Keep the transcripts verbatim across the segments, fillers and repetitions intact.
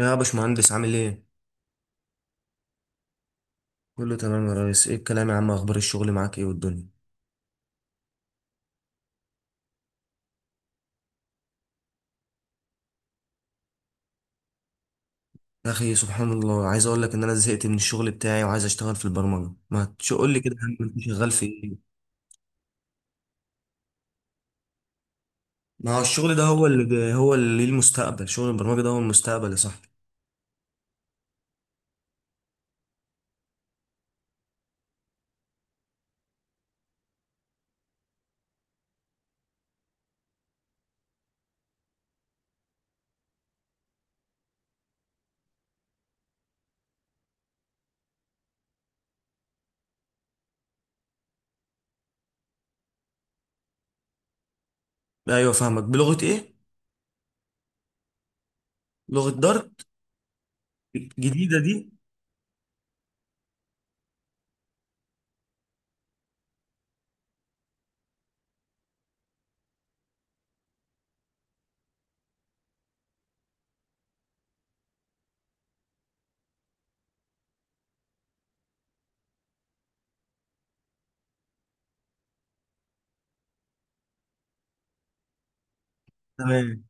يا باشمهندس، عامل ايه؟ كله تمام يا ريس. ايه الكلام يا عم؟ اخبار الشغل معاك ايه والدنيا؟ يا اخي سبحان الله، عايز اقول لك ان انا زهقت من الشغل بتاعي وعايز اشتغل في البرمجة. ما تقول لي كده يا عم، انت شغال في ايه؟ ما هو الشغل ده هو اللي هو اللي ليه المستقبل. شغل البرمجة ده هو المستقبل يا صاحبي. ايوه فاهمك. بلغة ايه؟ لغة دارت الجديدة دي؟ تمام.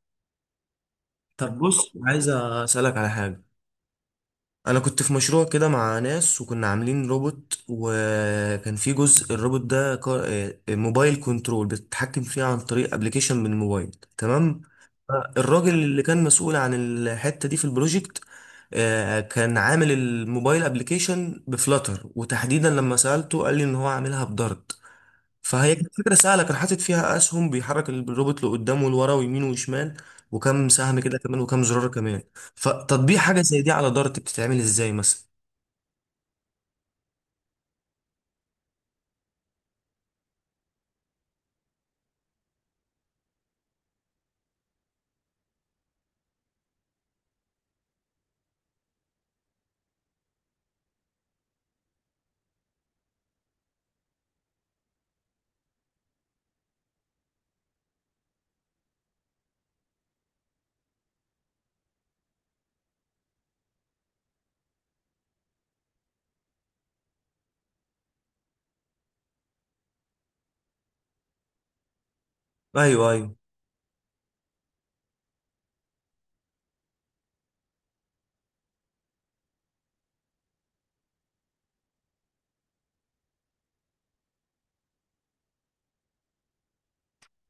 طب بص، عايز اسالك على حاجة. انا كنت في مشروع كده مع ناس وكنا عاملين روبوت، وكان في جزء الروبوت ده ك- آه، موبايل كنترول بتتحكم فيه عن طريق ابلكيشن من الموبايل. تمام. الراجل اللي كان مسؤول عن الحتة دي في البروجكت، آه، كان عامل الموبايل ابلكيشن بفلاتر، وتحديدا لما سألته قال لي ان هو عاملها بدارت. فهي كانت فكرة سهلة، كان حاطط فيها أسهم بيحرك الروبوت لقدام ولورا ويمين وشمال، وكم سهم كده كمان وكم زرار كمان. فتطبيق حاجة زي دي على دارت بتتعمل إزاي مثلا؟ أيوه أيوه.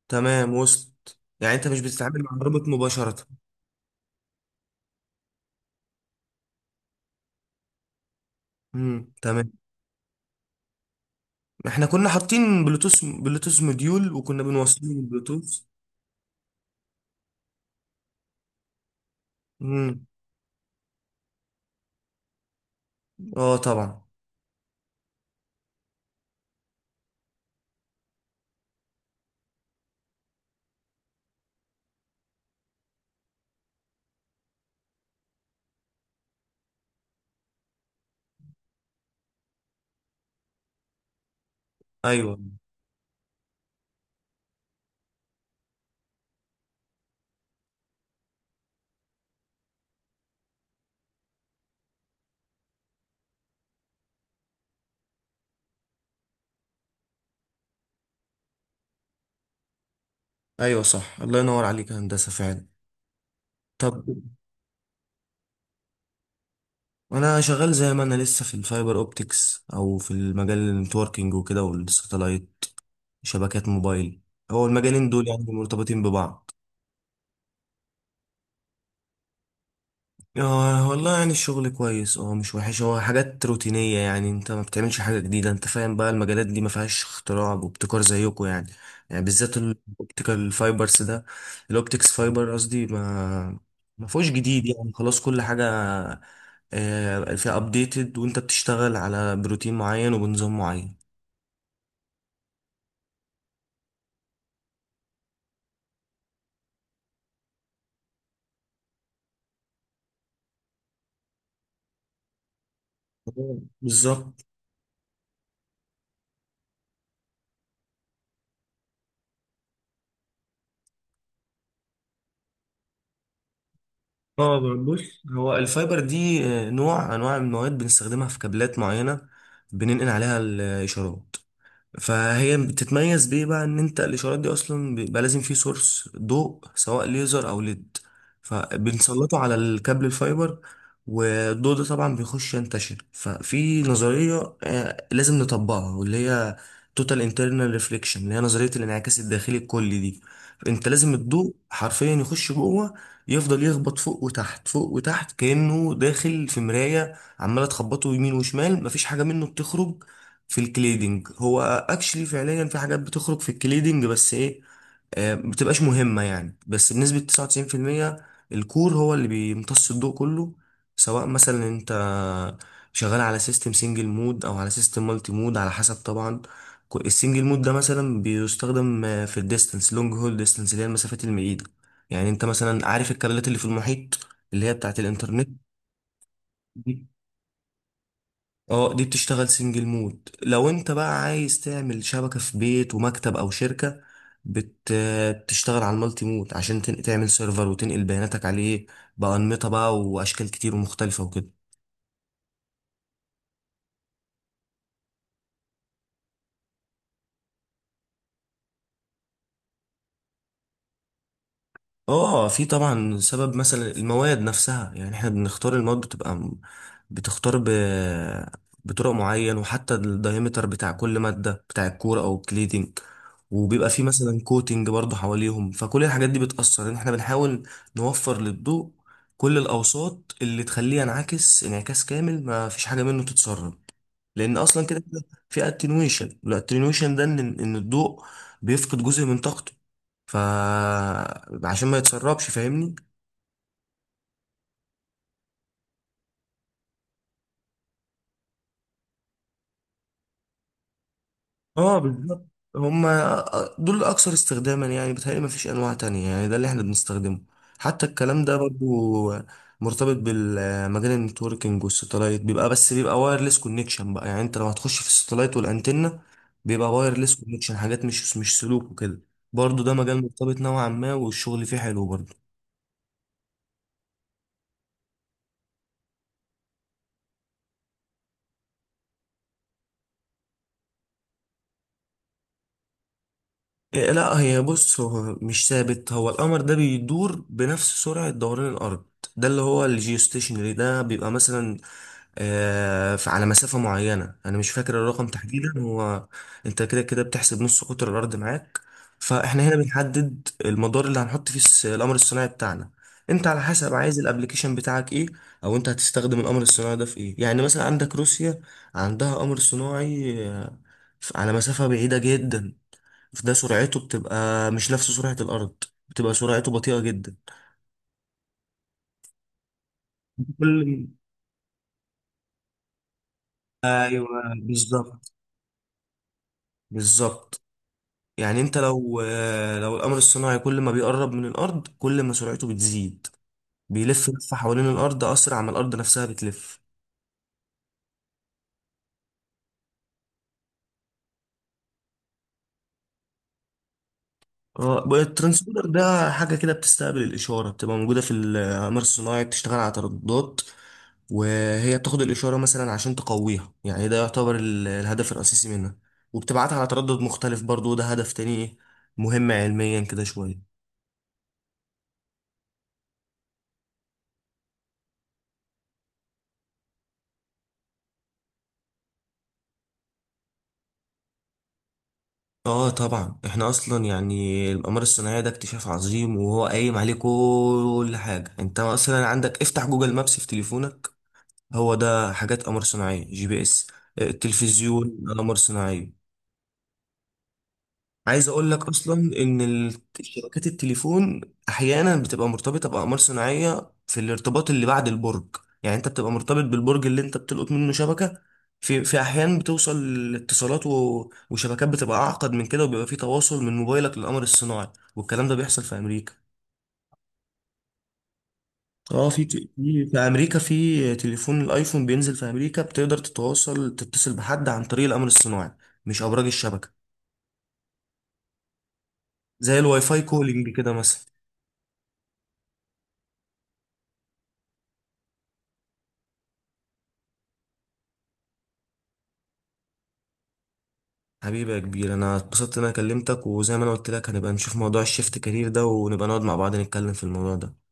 تمام، وسط يعني. أنت مش بتتعامل مع الروبوت مباشرة. امم، تمام. احنا كنا حاطين بلوتوث، بلوتوث موديول، وكنا بنوصله بالبلوتوث. امم. اه طبعا. ايوه ايوه صح، الله ينور عليك يا هندسة فعلا. طب انا شغال زي ما انا لسه في الفايبر اوبتكس او في المجال النتوركينج وكده والساتلايت، شبكات موبايل. هو المجالين دول يعني مرتبطين ببعض. آه والله يعني الشغل كويس، اه مش وحش، هو حاجات روتينية يعني. انت ما بتعملش حاجة جديدة، انت فاهم بقى؟ المجالات دي ما فيهاش اختراع وابتكار زيكم يعني، يعني بالذات الاوبتيكال فايبرز ده، الاوبتكس فايبر قصدي، ما ما فيهوش جديد يعني، خلاص كل حاجة آه، فيها ابديتد، وانت بتشتغل على بروتين معين وبنظام معين. بالظبط. اه بص، هو الفايبر دي آه، نوع انواع المواد بنستخدمها في كابلات معينه، بننقل عليها الاشارات. فهي بتتميز بيه بقى ان انت الاشارات دي اصلا بيبقى لازم فيه سورس ضوء، سواء ليزر او ليد، فبنسلطه على الكابل الفايبر. والضوء ده طبعا بيخش ينتشر، ففي نظرية آه، لازم نطبقها واللي هي توتال انترنال ريفليكشن، اللي هي نظرية الانعكاس الداخلي الكلي دي. انت لازم الضوء حرفيا يخش جوه، يفضل يخبط فوق وتحت فوق وتحت، كأنه داخل في مراية عمالة تخبطه يمين وشمال، مفيش حاجة منه بتخرج. في الكليدنج هو اكشلي فعليا في حاجات بتخرج في الكليدنج بس ايه، آه، ما بتبقاش مهمة يعني، بس بنسبة تسعة وتسعين في المية. الكور هو اللي بيمتص الضوء كله. سواء مثلا انت شغال على سيستم سنجل مود او على سيستم مالتي مود، على حسب طبعا. كو- السنجل مود ده مثلا بيستخدم آه، في الديستنس، لونج هول ديستنس، اللي هي المسافات المعيدة. يعني انت مثلا عارف الكابلات اللي في المحيط اللي هي بتاعت الانترنت؟ اه دي بتشتغل سنجل مود. لو انت بقى عايز تعمل شبكة في بيت ومكتب او شركة، بت... بتشتغل على المالتي مود عشان تن... تعمل سيرفر وتنقل بياناتك عليه، بأنمطة بقى واشكال كتير ومختلفة وكده. اه في طبعا سبب، مثلا المواد نفسها، يعني احنا بنختار المواد بتبقى م- بتختار ب... بطرق معين، وحتى الدايمتر بتاع كل مادة بتاع الكورة او الكليدنج، وبيبقى في مثلا كوتنج برضو حواليهم. فكل الحاجات دي بتأثر ان احنا بنحاول نوفر للضوء كل الاوساط اللي تخليه ينعكس انعكاس كامل، ما فيش حاجة منه تتسرب. لان اصلا كده كده في اتنويشن، والاتنويشن ده ان ان الضوء بيفقد جزء من طاقته، ف عشان ما يتسربش، فاهمني؟ اه بالظبط. هما دول اكثر استخداما يعني، بتهيألي ما فيش انواع تانية يعني، ده اللي احنا بنستخدمه. حتى الكلام ده برضو مرتبط بالمجال النتوركينج، والستلايت بيبقى بس بيبقى وايرلس كونكشن بقى. يعني انت لو هتخش في الستلايت والانتنة، بيبقى وايرلس كونكشن، حاجات مش مش سلوك وكده. برضو ده مجال مرتبط نوعا ما، والشغل فيه حلو برضو. إيه، لا هي بص، هو مش ثابت، هو القمر ده بيدور بنفس سرعة دوران الأرض. ده اللي هو الجيوستيشنري ده، بيبقى مثلا آه، ف- على مسافة معينة أنا مش فاكر الرقم تحديدا. هو أنت كده كده بتحسب نص قطر الأرض معاك. فإحنا هنا بنحدد المدار اللي هنحط فيه الس- القمر الصناعي بتاعنا. أنت على حسب عايز الأبليكيشن بتاعك إيه، أو أنت هتستخدم القمر الصناعي ده في إيه. يعني مثلا عندك روسيا، عندها قمر صناعي آه، ف- على مسافة بعيدة جدا، فده سرعته بتبقى مش نفس سرعة الأرض، بتبقى سرعته بطيئة جدا. كل ايوه بالظبط، بالظبط. يعني انت لو، لو القمر الصناعي كل ما بيقرب من الأرض كل ما سرعته بتزيد، بيلف لفة حوالين الأرض أسرع ما الأرض نفسها بتلف. اه الترانسبوندر ده حاجة كده بتستقبل الإشارة، بتبقى موجودة في الأقمار الصناعي، بتشتغل على ترددات. وهي بتاخد الإشارة مثلا عشان تقويها، يعني ده يعتبر ال- الهدف الرئيسي منها، وبتبعتها على تردد مختلف برضو، ده هدف تاني مهم علميا كده شوية. اه طبعا، احنا اصلا يعني الأقمار الصناعية ده اكتشاف عظيم وهو قايم عليه كل حاجة. انت مثلا عندك افتح جوجل مابس في تليفونك، هو ده حاجات قمر صناعية، جي بي اس. آه، التلفزيون قمر صناعية. عايز اقول لك اصلا ان ال- شبكات التليفون احيانا بتبقى مرتبطه باقمار صناعيه في الارتباط اللي بعد البرج. يعني انت بتبقى مرتبط بالبرج اللي انت بتلقط منه شبكه، في في احيان بتوصل اتصالات و- وشبكات بتبقى اعقد من كده، وبيبقى في تواصل من موبايلك للقمر الصناعي. والكلام ده بيحصل في امريكا. اه في ت- في في امريكا، في تليفون الايفون بينزل في امريكا بتقدر تتواصل تتصل بحد عن طريق القمر الصناعي، مش ابراج الشبكه. زي الواي فاي كولينج كده مثلا. حبيبي يا كبير، انا اتبسطت ان انا كلمتك، وزي ما انا قلت لك هنبقى نشوف موضوع الشيفت كارير ده، ونبقى نقعد مع بعض نتكلم في الموضوع ده.